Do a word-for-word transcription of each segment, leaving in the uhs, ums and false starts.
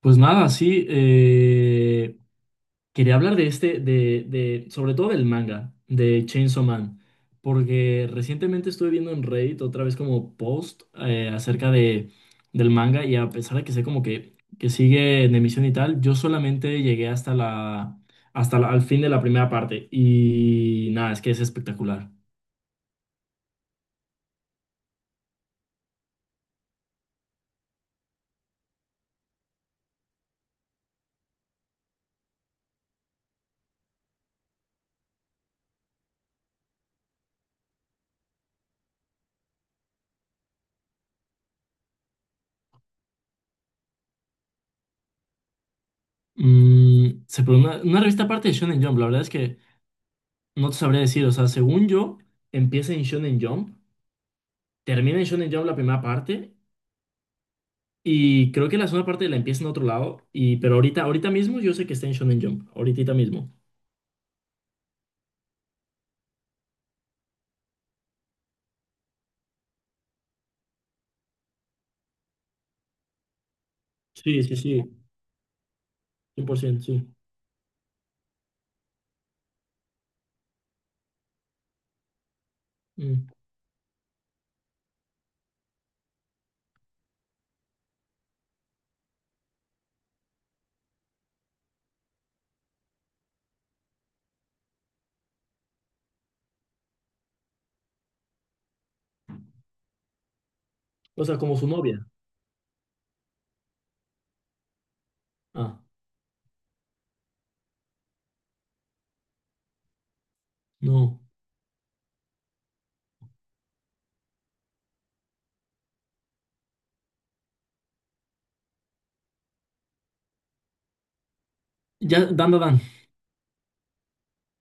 Pues nada, sí, eh, quería hablar de este, de, de, sobre todo del manga, de Chainsaw Man, porque recientemente estuve viendo en Reddit otra vez como post eh, acerca de, del manga y a pesar de que sé como que, que sigue en emisión y tal, yo solamente llegué hasta la, hasta la- al fin de la primera parte y nada, es que es espectacular. Mm, se pone una, una revista aparte de Shonen Jump, la verdad es que no te sabría decir, o sea, según yo, empieza en Shonen Jump. Termina en Shonen Jump la primera parte y creo que la segunda parte la empieza en otro lado, y, pero ahorita, ahorita mismo yo sé que está en Shonen Jump, ahorita mismo. Sí, sí, sí, cien por ciento sí. Mm. O sea, como su novia. Ah, no. Ya, Dan, Dan. Dan.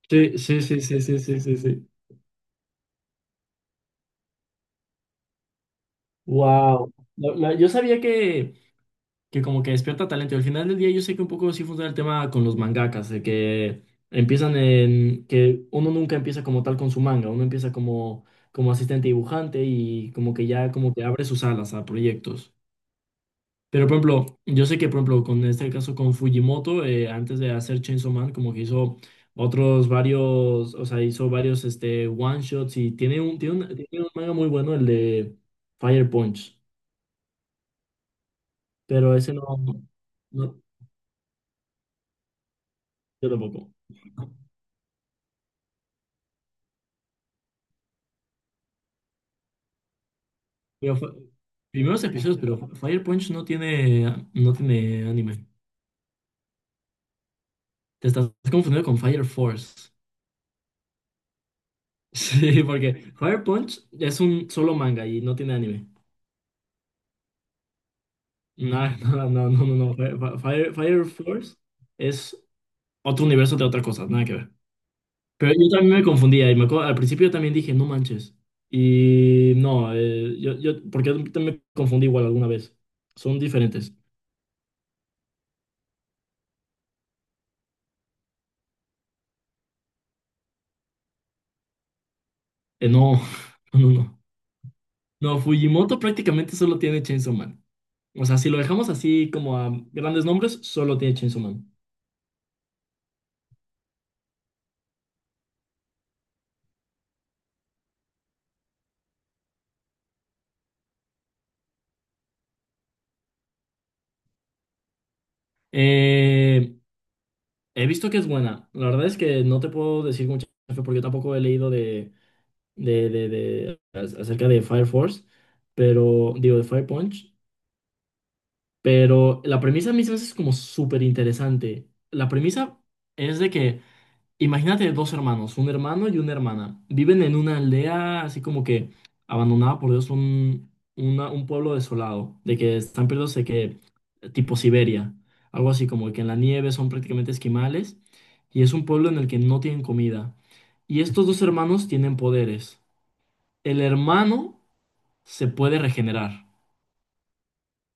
Sí, sí, sí, sí, sí, sí, sí, sí. Wow. La- la- yo sabía que, que como que despierta talento. Y al final del día yo sé que un poco sí funciona el tema con los mangakas, de que empiezan en, que uno nunca empieza como tal con su manga, uno empieza como, como asistente dibujante y como que ya como que abre sus alas a proyectos. Pero por ejemplo, yo sé que por ejemplo con este caso con Fujimoto, eh, antes de hacer Chainsaw Man, como que hizo otros varios, o sea, hizo varios este one shots y tiene un, tiene un, tiene un manga muy bueno, el de Fire Punch, pero ese no, no, yo tampoco. Pero fue- Primeros episodios, pero Fire Punch no tiene, no tiene anime. Te estás confundiendo con Fire Force. Sí, porque Fire Punch es un solo manga y no tiene anime. No, no, no, no, no, no. Fire, Fire Force es otro universo de otra cosa, nada que ver. Pero yo también me confundía y me acuerdo- al principio yo también dije, no manches. Y no, eh, yo, yo, porque yo también me confundí igual alguna vez. Son diferentes. Eh, no, no, no. No, Fujimoto prácticamente solo tiene Chainsaw Man. O sea, si lo dejamos así como a grandes nombres, solo tiene Chainsaw Man. Eh, He visto que es buena. La verdad es que no te puedo decir mucho porque yo tampoco he leído de, de, de, de- ac- acerca de Fire Force, pero digo de Fire Punch. Pero la premisa a mí se me hace como súper interesante. La premisa es de que imagínate dos hermanos, un hermano y una hermana. Viven en una aldea así como que abandonada por Dios, un, una- un pueblo desolado, de que están perdidos de que eh, tipo Siberia, algo así como que en la nieve son prácticamente esquimales y es un pueblo en el que no tienen comida. Y estos dos hermanos tienen poderes. El hermano se puede regenerar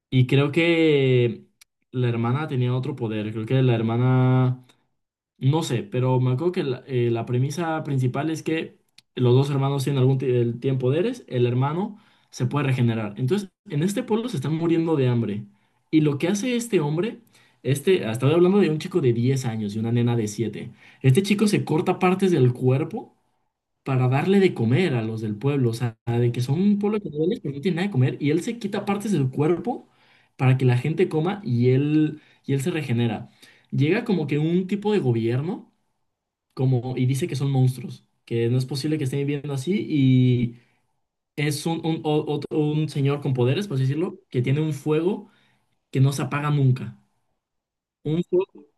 y creo que la hermana tenía otro poder, creo que la hermana... No sé, pero me acuerdo que la, eh, la premisa principal es que los dos hermanos tienen algún ti- el tiempo poderes, el hermano se puede regenerar. Entonces, en este pueblo se están muriendo de hambre. Y lo que hace este hombre, este, ah, estaba hablando de un chico de diez años y una nena de siete. Este chico se corta partes del cuerpo para darle de comer a los del pueblo, o sea, de que son un pueblo que duele, pero no tiene nada de comer, y él se quita partes de su cuerpo para que la gente coma y él, y él se regenera. Llega como que un tipo de gobierno como, y dice que son monstruos, que no es posible que estén viviendo así, y es un, un, o- otro- un señor con poderes, por así decirlo, que tiene un fuego que no se apaga nunca. Un fuego-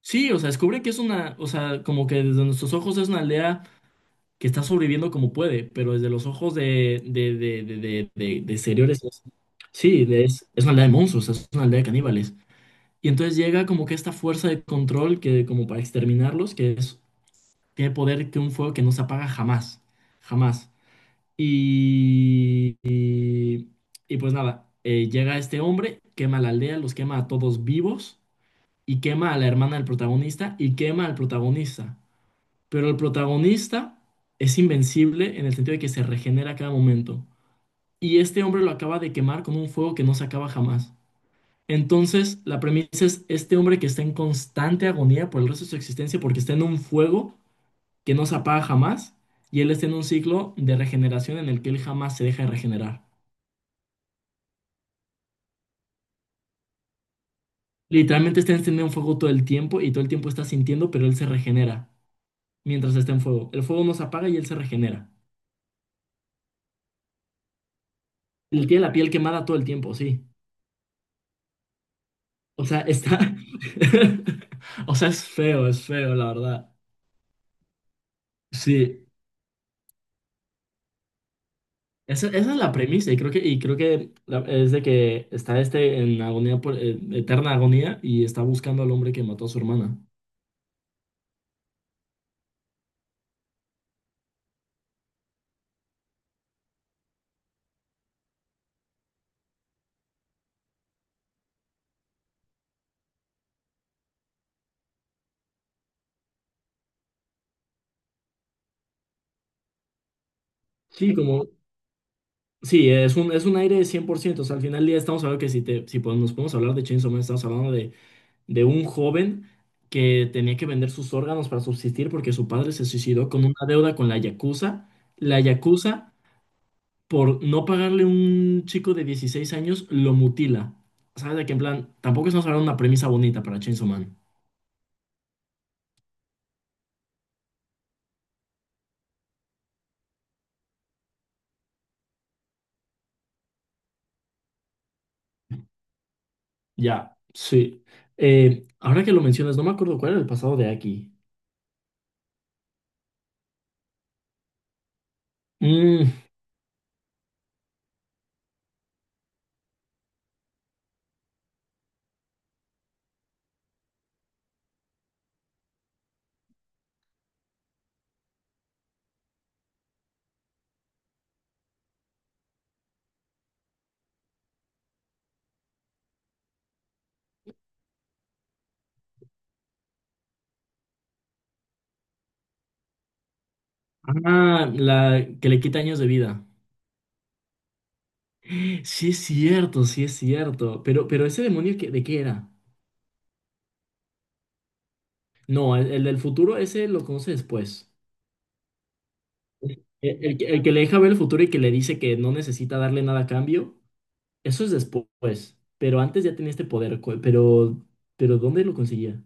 Sí, o sea, descubre que es una, o sea, como que desde nuestros ojos es una aldea que está sobreviviendo como puede, pero desde los ojos de, de, de, de, de, de- de exteriores, es- sí, de- es, es una aldea de monstruos, es una aldea de caníbales. Y entonces llega como que esta fuerza de control que como para exterminarlos, que es, tiene poder que un fuego que no se apaga jamás, jamás. Y, y, y pues nada, eh, llega este hombre, quema la aldea, los quema a todos vivos y quema a la hermana del protagonista y quema al protagonista. Pero el protagonista es invencible en el sentido de que se regenera a cada momento. Y este hombre lo acaba de quemar con un fuego que no se acaba jamás. Entonces, la premisa es este hombre que está en constante agonía por el resto de su existencia porque está en un fuego que no se apaga jamás y él está en un ciclo de regeneración en el que él jamás se deja de regenerar. Literalmente está encendido en fuego todo el tiempo y todo el tiempo está sintiendo, pero él se regenera mientras está en fuego. El fuego no se apaga y él se regenera. Él tiene la piel quemada todo el tiempo, sí. O sea, está. O sea, es feo, es feo, la verdad. Sí. Esa, esa es la premisa, y creo que, y creo que la- es de que está este en agonía por, eh, eterna agonía y está buscando al hombre que mató a su hermana. Sí, como. Sí, es un, es un aire de cien por ciento. O sea, al final del día estamos hablando que si, te, si podemos- nos podemos hablar de Chainsaw Man, estamos hablando de, de un joven que tenía que vender sus órganos para subsistir porque su padre se suicidó con una deuda con la Yakuza. La Yakuza por no pagarle un chico de dieciséis años, lo mutila. ¿Sabes? De que en plan, tampoco estamos hablando de una premisa bonita para Chainsaw Man. Ya, sí. Eh, ahora que lo mencionas, no me acuerdo cuál era el pasado de Aki. Mm, ah, la que le quita años de vida. Sí es cierto, sí es cierto. Pero, pero ese demonio, que- ¿de qué era? No, el, el del futuro, ese lo conoce después. El, el que el que le deja ver el futuro y que le dice que no necesita darle nada a cambio, eso es después, pero antes ya tenía este poder, cu- pero, pero ¿dónde lo conseguía?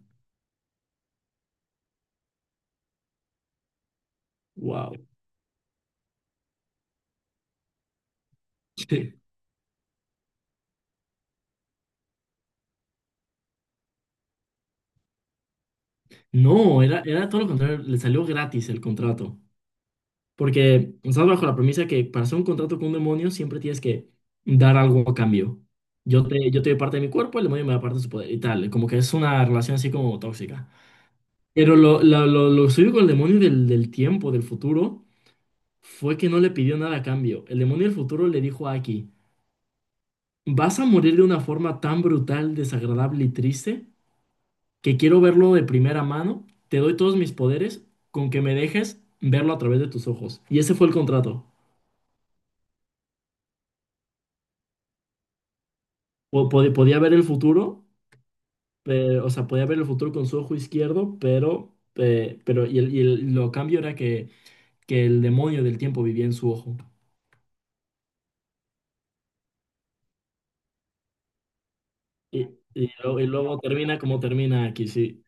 Wow. Sí. No, era, era todo lo contrario, le salió gratis el contrato, porque estás bajo la premisa que para hacer un contrato con un demonio siempre tienes que dar algo a cambio. Yo te, yo te doy parte de mi cuerpo, el demonio me da parte de su poder y tal, como que es una relación así como tóxica. Pero lo, lo, lo, lo suyo con el demonio del, del tiempo, del futuro, fue que no le pidió nada a cambio. El demonio del futuro le dijo a Aki. Vas a morir de una forma tan brutal, desagradable y triste que quiero verlo de primera mano. Te doy todos mis poderes con que me dejes verlo a través de tus ojos. Y ese fue el contrato. Po- pod- podía ver el futuro, pero- o sea, podía ver el futuro con su ojo izquierdo, pero, eh, pero y, el- y el- lo cambio era que, que el demonio del tiempo vivía en su ojo. Y, y, lo- y luego termina como termina aquí, sí.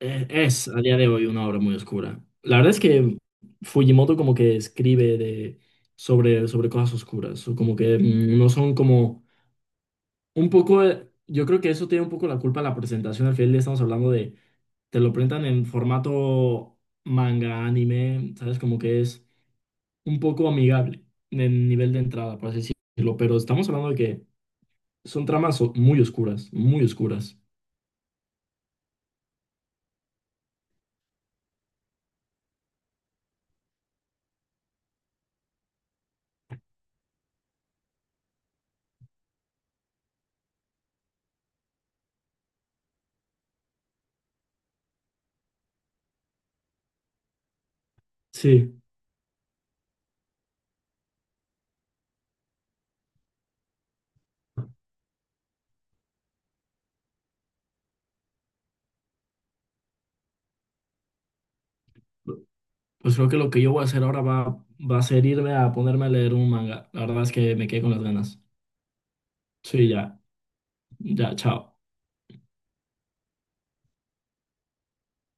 Eh, es a día de hoy una obra muy oscura. La verdad es que Fujimoto como que escribe de, sobre, sobre cosas oscuras, o como que mm, no son como un poco, eh, yo creo que eso tiene un poco la culpa en la presentación, al final le estamos hablando de, te lo presentan en formato manga, anime, ¿sabes? Como que es un poco amigable en nivel de entrada, por así decirlo, pero estamos hablando de que son tramas o- muy oscuras, muy oscuras. Sí. Pues creo que lo que yo voy a hacer ahora va, va a ser irme a ponerme a leer un manga. La verdad es que me quedé con las ganas. Sí, ya, ya, chao.